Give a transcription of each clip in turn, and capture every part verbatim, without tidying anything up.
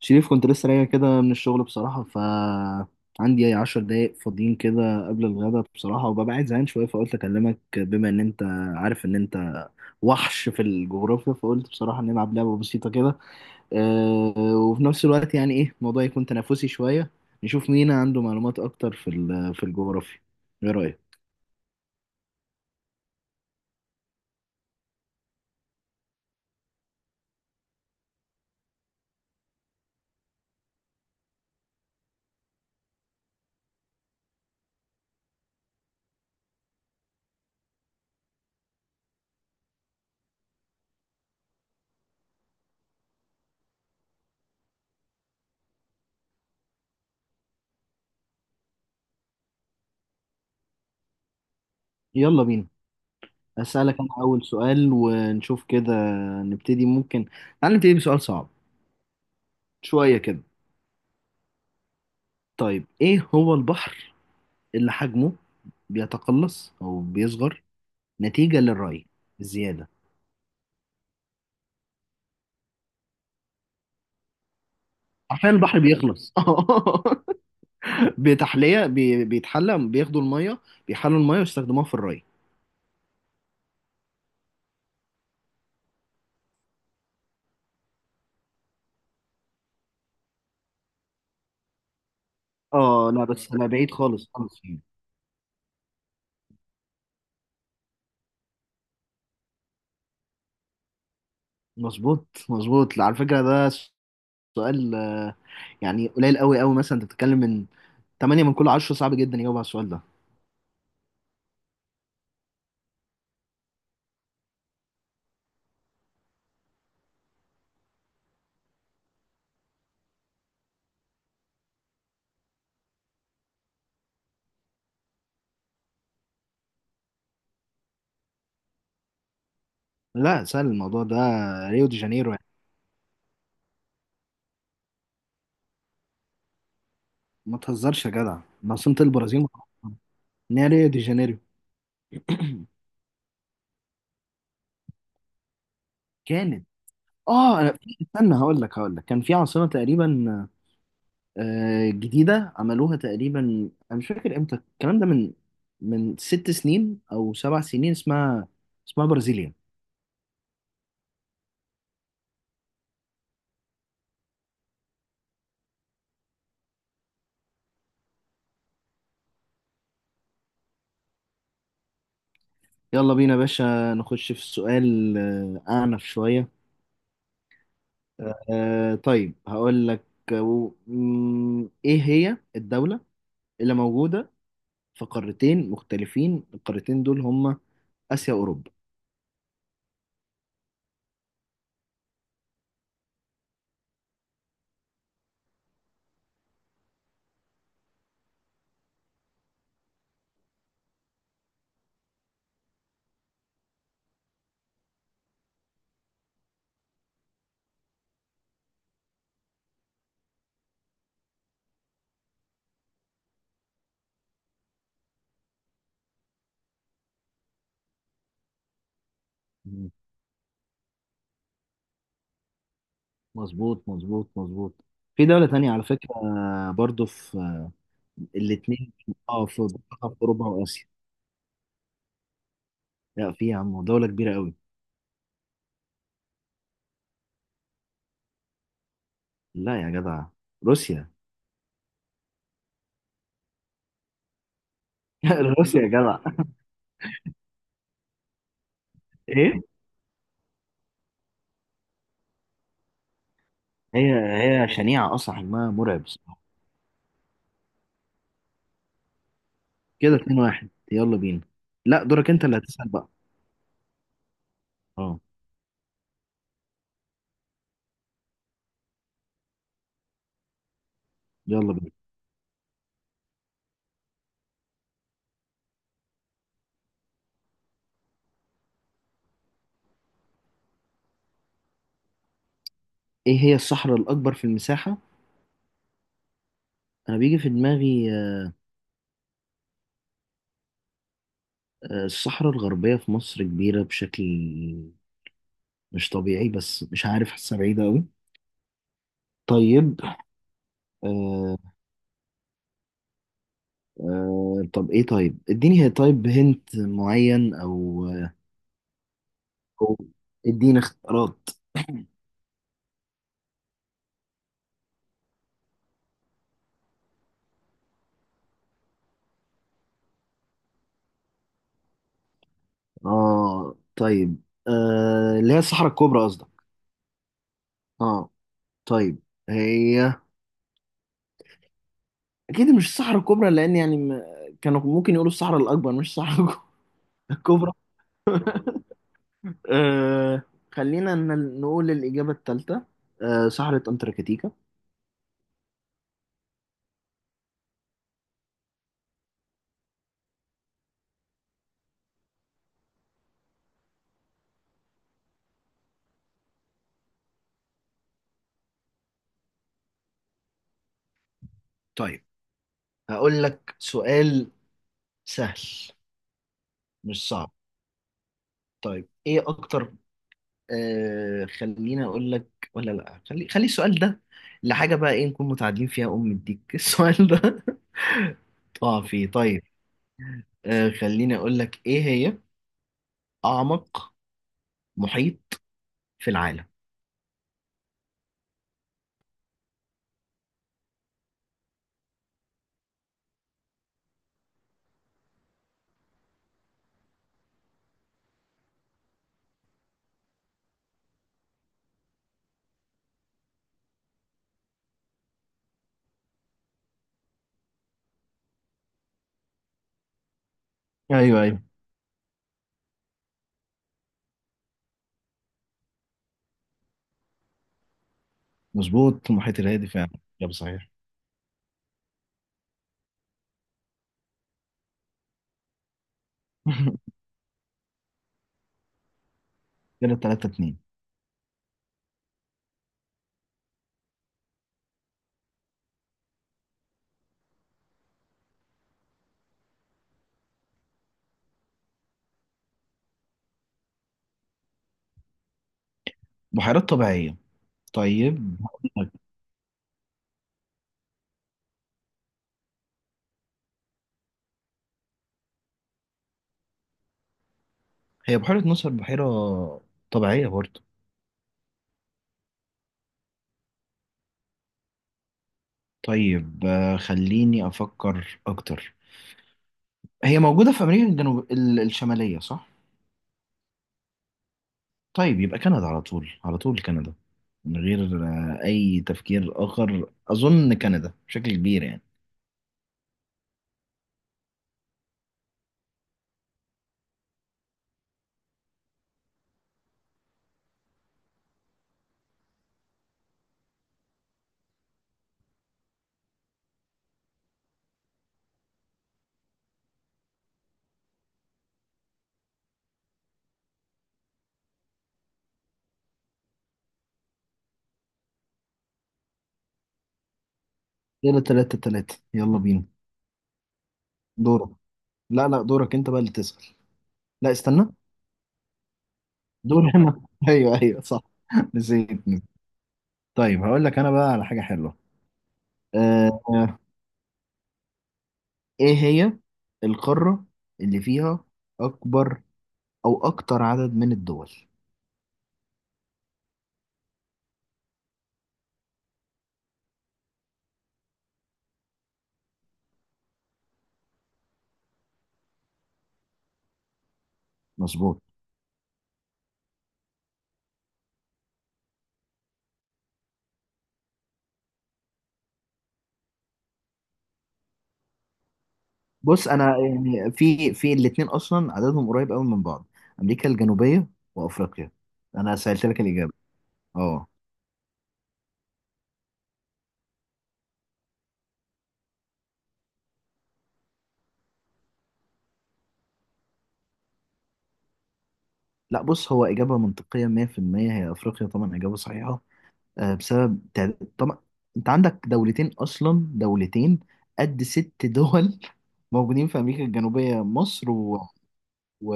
شريف، كنت لسه راجع كده من الشغل بصراحة، ف عندي أي عشر دقايق فاضيين كده قبل الغدا بصراحة، وببقى قاعد زهقان شوية، فقلت أكلمك بما إن أنت عارف إن أنت وحش في الجغرافيا، فقلت بصراحة نلعب لعبة بسيطة كده. أه. وفي نفس الوقت يعني إيه الموضوع يكون تنافسي شوية، نشوف مين عنده معلومات أكتر في ال- في الجغرافيا. إيه رأيك؟ يلا بينا. أسألك أنا أول سؤال ونشوف كده. نبتدي ممكن. تعال نبتدي بسؤال صعب شوية كده. طيب، إيه هو البحر اللي حجمه بيتقلص أو بيصغر نتيجة للري الزيادة؟ عارفين البحر بيخلص بتحلية، بي- بيتحلى، بياخدوا المية، بيحلوا المية ويستخدموها في الري. اه لا بس انا بعيد خالص خالص فيه. مظبوط مظبوط على فكرة. ده سؤال آه، يعني قليل قوي قوي. مثلا انت بتتكلم من تمانية من كل عشرة صعب جدا يجاوب على السؤال ده. لا، سهل الموضوع ده. ريو دي جانيرو يعني. ما تهزرش يا جدع، ده عاصمة البرازيل معروفة ان هي ريو دي جانيرو. كانت. اه، انا في- استنى هقول لك، هقول لك كان في عاصمه تقريبا آه، جديده عملوها تقريبا. انا مش فاكر امتى الكلام ده، من من ست سنين او سبع سنين، اسمها اسمها برازيليا. يلا بينا يا باشا، نخش في السؤال آه، اعنف شويه. آه، طيب هقول لك. آه، و- مم، ايه هي الدوله اللي موجوده في قارتين مختلفين؟ القارتين دول هما اسيا واوروبا. مظبوط مظبوط مظبوط. في دولة تانية على فكرة آه، برضو في آه، الاتنين. اه، في، بقى في اوروبا واسيا؟ لا، في يا عم دولة كبيرة قوي. لا يا جدع. روسيا. روسيا يا جدع. ايه. هي هي شنيعة اصلا، حجمها مرعب بصراحة. كده اتنين واحد، يلا بينا. لا، دورك انت اللي هتسأل بقى. اه، يلا بينا. ايه هي الصحراء الاكبر في المساحة؟ انا بيجي في دماغي آه، الصحراء الغربية في مصر، كبيرة بشكل مش طبيعي، بس مش عارف، حاسة بعيدة قوي. طيب. آه، آه طب ايه، طيب اديني، هي طيب هنت معين، او، أو اديني اختيارات. اه طيب. آه اللي هي الصحراء الكبرى قصدك؟ اه. طيب. هي اكيد مش الصحراء الكبرى، لان يعني م... كانوا ممكن يقولوا الصحراء الاكبر مش الصحراء الكبرى. آه خلينا ن- نقول الإجابة الثالثة، آه صحراء أنتاركتيكا. طيب هقول لك سؤال سهل، مش صعب. طيب إيه أكتر آه خليني اقول لك، ولا لا، خلي خلي السؤال ده لحاجه بقى ايه نكون متعادلين فيها ام الديك السؤال ده. طبعا فيه. طيب. آه خليني اقول لك، ايه هي اعمق محيط في العالم؟ ايوه ايوه. مظبوط، المحيط الهادي فعلا يا صحيح. كده تلاتة اتنين. بحيرات طبيعيه؟ طيب هقول لك. هي بحيره ناصر بحيره طبيعيه برضه؟ طيب، آه خليني افكر اكتر. هي موجوده في امريكا الجنوب ال- الشماليه صح؟ طيب، يبقى كندا على طول، على طول كندا، من غير آه، أي تفكير آخر، أظن كندا بشكل كبير يعني. كده تلاتة تلاتة، يلا بينا. دورك. لا لا، دورك أنت بقى اللي تسأل. لا استنى. دور أنا. أيوه أيوه صح. نسيت نسيت. طيب هقول لك أنا بقى على حاجة حلوة. آه آه، إيه هي القارة اللي فيها أكبر أو أكتر عدد من الدول؟ مظبوط. بص، انا يعني في في الاثنين اصلا عددهم قريب قوي من بعض. امريكا الجنوبيه وافريقيا. انا سألت لك الاجابه. اه. لا بص، هو اجابه منطقيه مية بالمية، هي افريقيا طبعا، اجابه صحيحه. آه، بسبب تع- طبعا. انت عندك دولتين اصلا، دولتين قد ست دول موجودين في امريكا الجنوبيه. مصر و... و...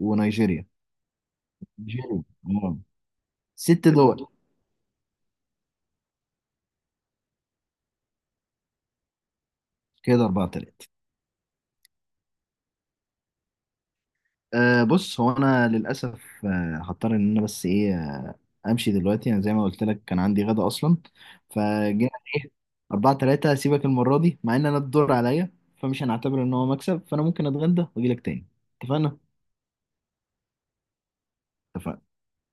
ونيجيريا نيجيريا آه. ست دول. كده اربعة تلاتة. أه بص، هو انا للاسف أه هضطر ان انا بس ايه أه امشي دلوقتي. انا زي ما قلت لك كان عندي غدا اصلا، فجينا ايه، اربعة تلاتة، هسيبك المرة دي مع ان انا الدور عليا. فمش هنعتبر ان هو مكسب، فانا ممكن اتغدى واجي لك تاني. اتفقنا؟ اتفقنا.